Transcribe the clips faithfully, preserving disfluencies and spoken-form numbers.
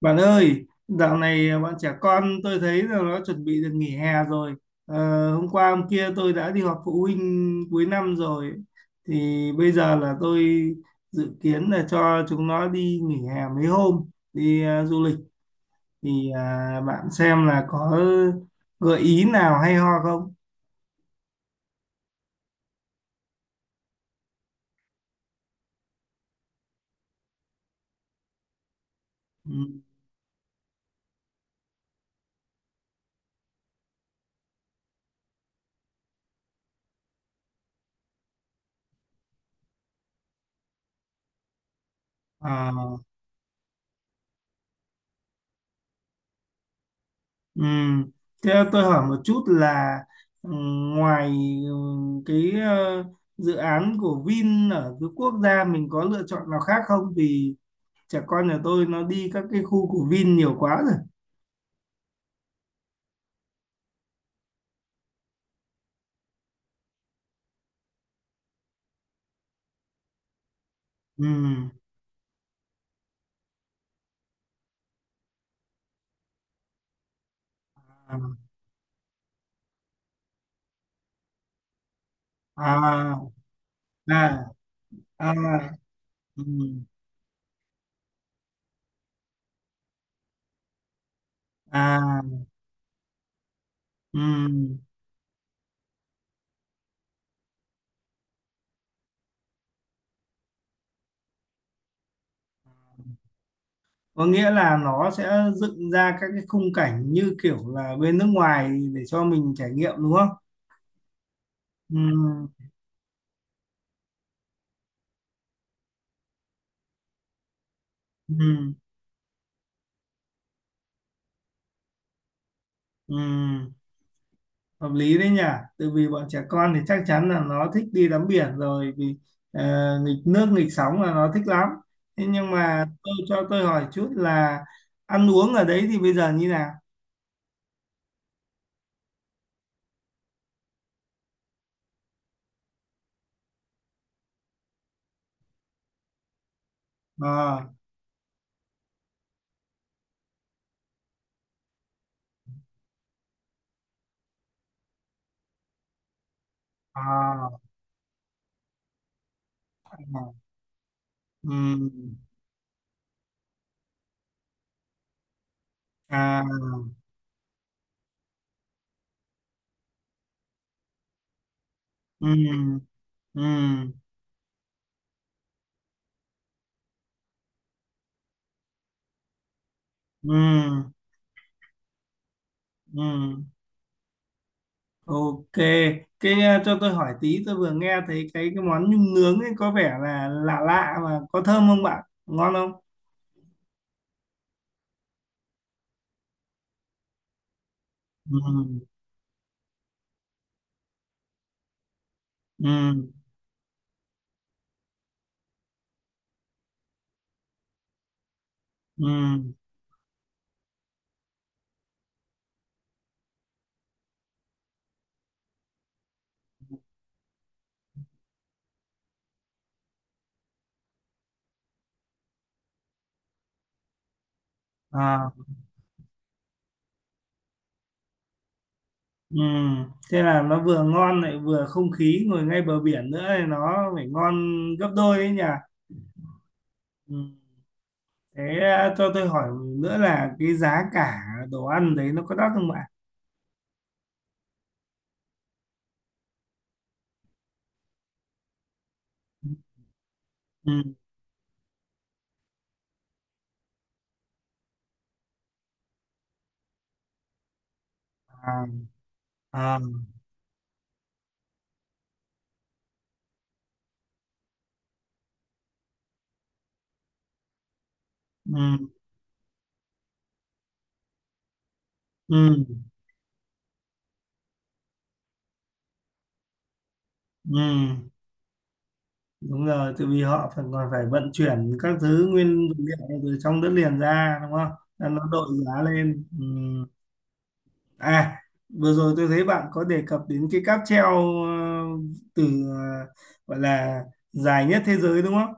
Bạn ơi, dạo này bọn trẻ con tôi thấy là nó chuẩn bị được nghỉ hè rồi. Ờ, hôm qua hôm kia tôi đã đi họp phụ huynh cuối năm rồi. Thì bây giờ là tôi dự kiến là cho chúng nó đi nghỉ hè mấy hôm, đi ờ, du lịch. Thì à, bạn xem là có gợi ý nào hay ho không? Ừ. Ờ. Ừm. Thế tôi hỏi một chút là ừm, ngoài ừm, cái ờ, dự án của Vin ở cái quốc gia mình có lựa chọn nào khác không? Vì trẻ con nhà tôi nó đi các cái khu của Vin nhiều quá rồi. Ừm. À. À. À. Ừm. À. Ừm. Có nghĩa là nó sẽ dựng ra các cái khung cảnh như kiểu là bên nước ngoài để cho mình trải nghiệm đúng không? Ừm. Ừm. Ừm. Hợp lý đấy nhỉ, tại vì bọn trẻ con thì chắc chắn là nó thích đi tắm biển rồi. Vì ờ, nghịch nước nghịch sóng là nó thích lắm. Thế nhưng mà tôi cho tôi hỏi chút là ăn uống ở đấy thì bây giờ như nào? Ờ. À. À. Ừ. À. Ừ. Ừ. Ừ. Ừ. OK, cái ờ, cho tôi hỏi tí, tôi vừa nghe thấy cái cái món nhum nướng ấy có vẻ là lạ lạ, mà có thơm không bạn, ngon không? Ừ. Ừ. Ừ. À. Ừ. Thế là nó vừa ngon lại vừa không khí ngồi ngay bờ biển nữa thì nó phải ngon gấp đôi đấy nhỉ. Ừ. Thế à, cho tôi hỏi nữa là cái giá cả đồ ăn đấy nó có đắt không ạ? Ừ. À. À. Ừ. Ừ. Ừ. Đúng rồi, tại vì họ phải còn phải vận chuyển các thứ nguyên vật liệu từ trong đất liền ra đúng không? Nên nó đội giá lên. Ừ. À, vừa rồi tôi thấy bạn có đề cập đến cái cáp treo, ờ, từ ờ, gọi là dài nhất thế giới đúng không?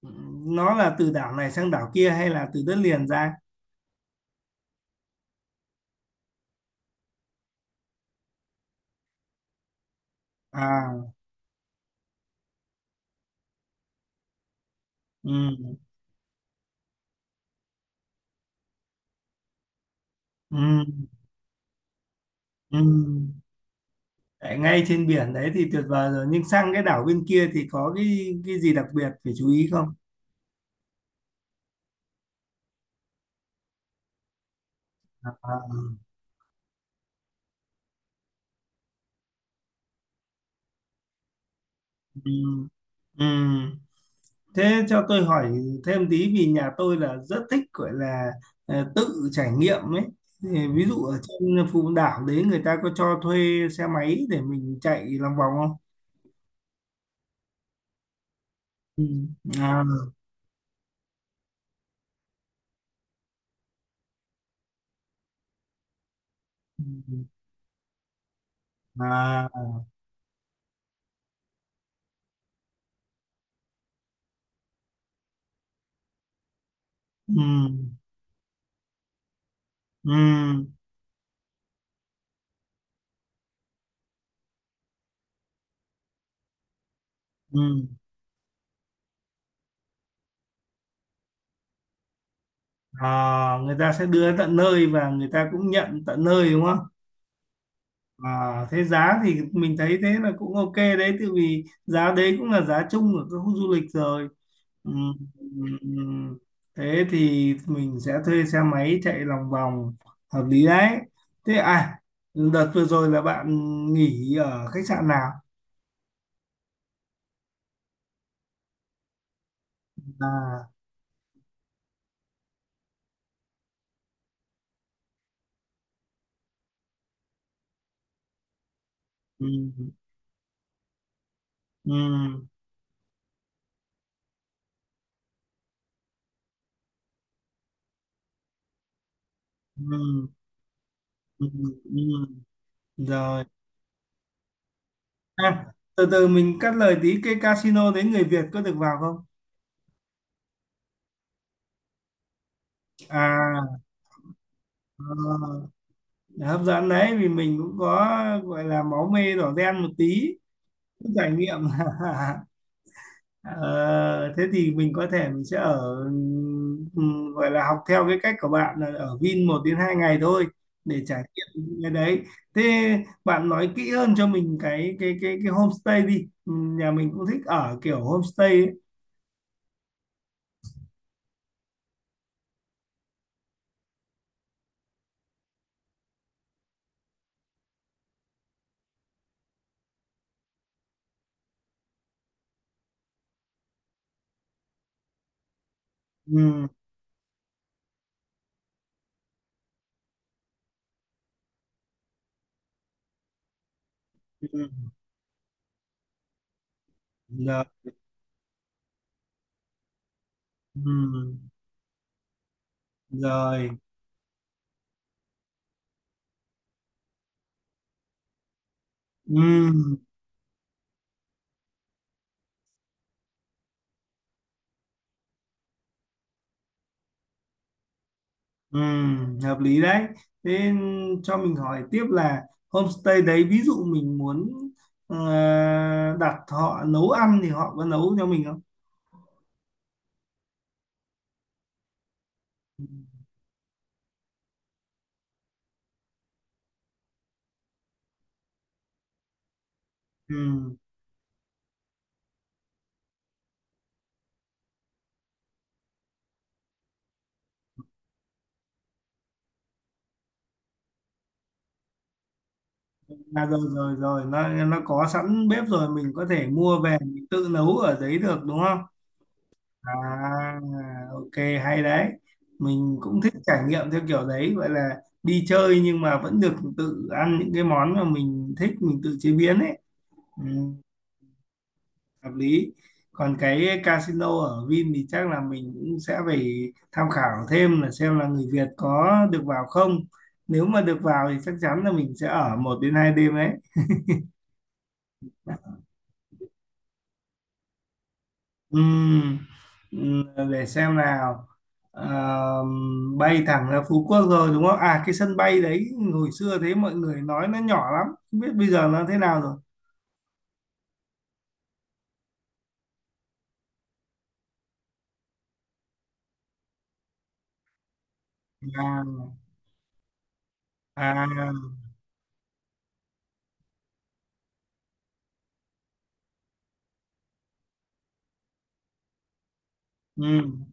Ừ. Nó là từ đảo này sang đảo kia hay là từ đất liền ra? À. Ừ. Ừ. Ừ. Tại ngay trên biển đấy thì tuyệt vời rồi, nhưng sang cái đảo bên kia thì có cái cái gì đặc biệt phải chú ý không? À. Ừ. Ừ. Thế cho tôi hỏi thêm tí, vì nhà tôi là rất thích, gọi là ờ, tự trải nghiệm ấy. Thì ví dụ ở trên Phú Đảo đấy người ta có cho thuê xe máy để mình chạy lòng vòng không? Ừ. À. À. Ừ. Ừ. Ừ. À, người ta sẽ đưa tận nơi và người ta cũng nhận tận nơi đúng không? À, thế giá thì mình thấy thế là cũng OK đấy, tại vì giá đấy cũng là giá chung ở các khu du lịch rồi. Ừm. Ừm. Thế thì mình sẽ thuê xe máy chạy lòng vòng, hợp lý đấy. Thế à, đợt vừa rồi là bạn nghỉ ở khách sạn nào? À. Ừm. Ừm. Ừm. Ừm. Ừm. Rồi. À, từ từ mình cắt lời tí, cái casino đấy người Việt có được vào không? À. ờ, Hấp dẫn đấy, vì mình cũng có gọi là máu mê đỏ đen một tí, cũng trải nghiệm. Ờ, thế thì mình có thể mình sẽ ở, ừm, gọi là học theo cái cách của bạn là ở Vin một đến hai ngày thôi để trải nghiệm những cái đấy. Thế bạn nói kỹ hơn cho mình cái cái cái cái homestay đi. Ừm, Nhà mình cũng thích ở kiểu homestay ấy. Ừm. Ừm. Rồi. Ừm. Rồi. Ừ. Ừ, hợp lý đấy. Thế cho mình hỏi tiếp là homestay đấy ví dụ mình muốn ờ, đặt họ nấu ăn thì họ có nấu cho mình không? Ừ. À, rồi rồi rồi, nó nó có sẵn bếp rồi mình có thể mua về mình tự nấu ở đấy được đúng không? À, OK, hay đấy. Mình cũng thích trải nghiệm theo kiểu đấy, gọi là đi chơi nhưng mà vẫn được tự ăn những cái món mà mình thích mình tự chế biến ấy. Ừ. Hợp lý. Còn cái casino ở Vin thì chắc là mình cũng sẽ phải tham khảo thêm là xem là người Việt có được vào không. Nếu mà được vào thì chắc chắn là mình sẽ ở một đến hai đêm đấy. Ừm, ừm, để xem nào. Ờ, bay thẳng ra Phú Quốc rồi đúng không? À, cái sân bay đấy hồi xưa thế mọi người nói nó nhỏ lắm, không biết bây giờ nó thế nào rồi. À. À. Ừm.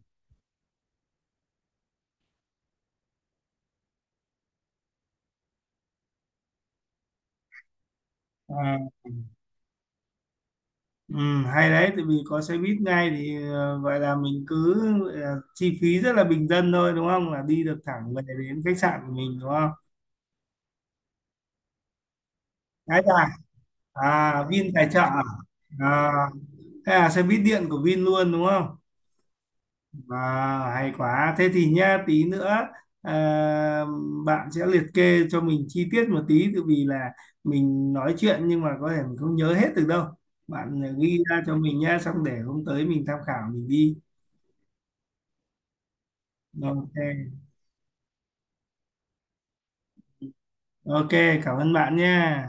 À. Ừ, hay đấy, tại vì có xe buýt ngay thì ờ, vậy là mình cứ ờ, chi phí rất là bình dân thôi đúng không? Là đi được thẳng về đến khách sạn của mình đúng không? Đấy à, à Vin tài trợ à? À, thế là xe buýt điện của Vin luôn đúng không? À, hay quá. Thế thì nha, tí nữa ờ, bạn sẽ liệt kê cho mình chi tiết một tí, tại vì là mình nói chuyện nhưng mà có thể mình không nhớ hết được đâu. Bạn ghi ra cho mình nha, xong để hôm tới mình tham khảo mình đi. Vâng, OK. OK, cảm ơn bạn nha.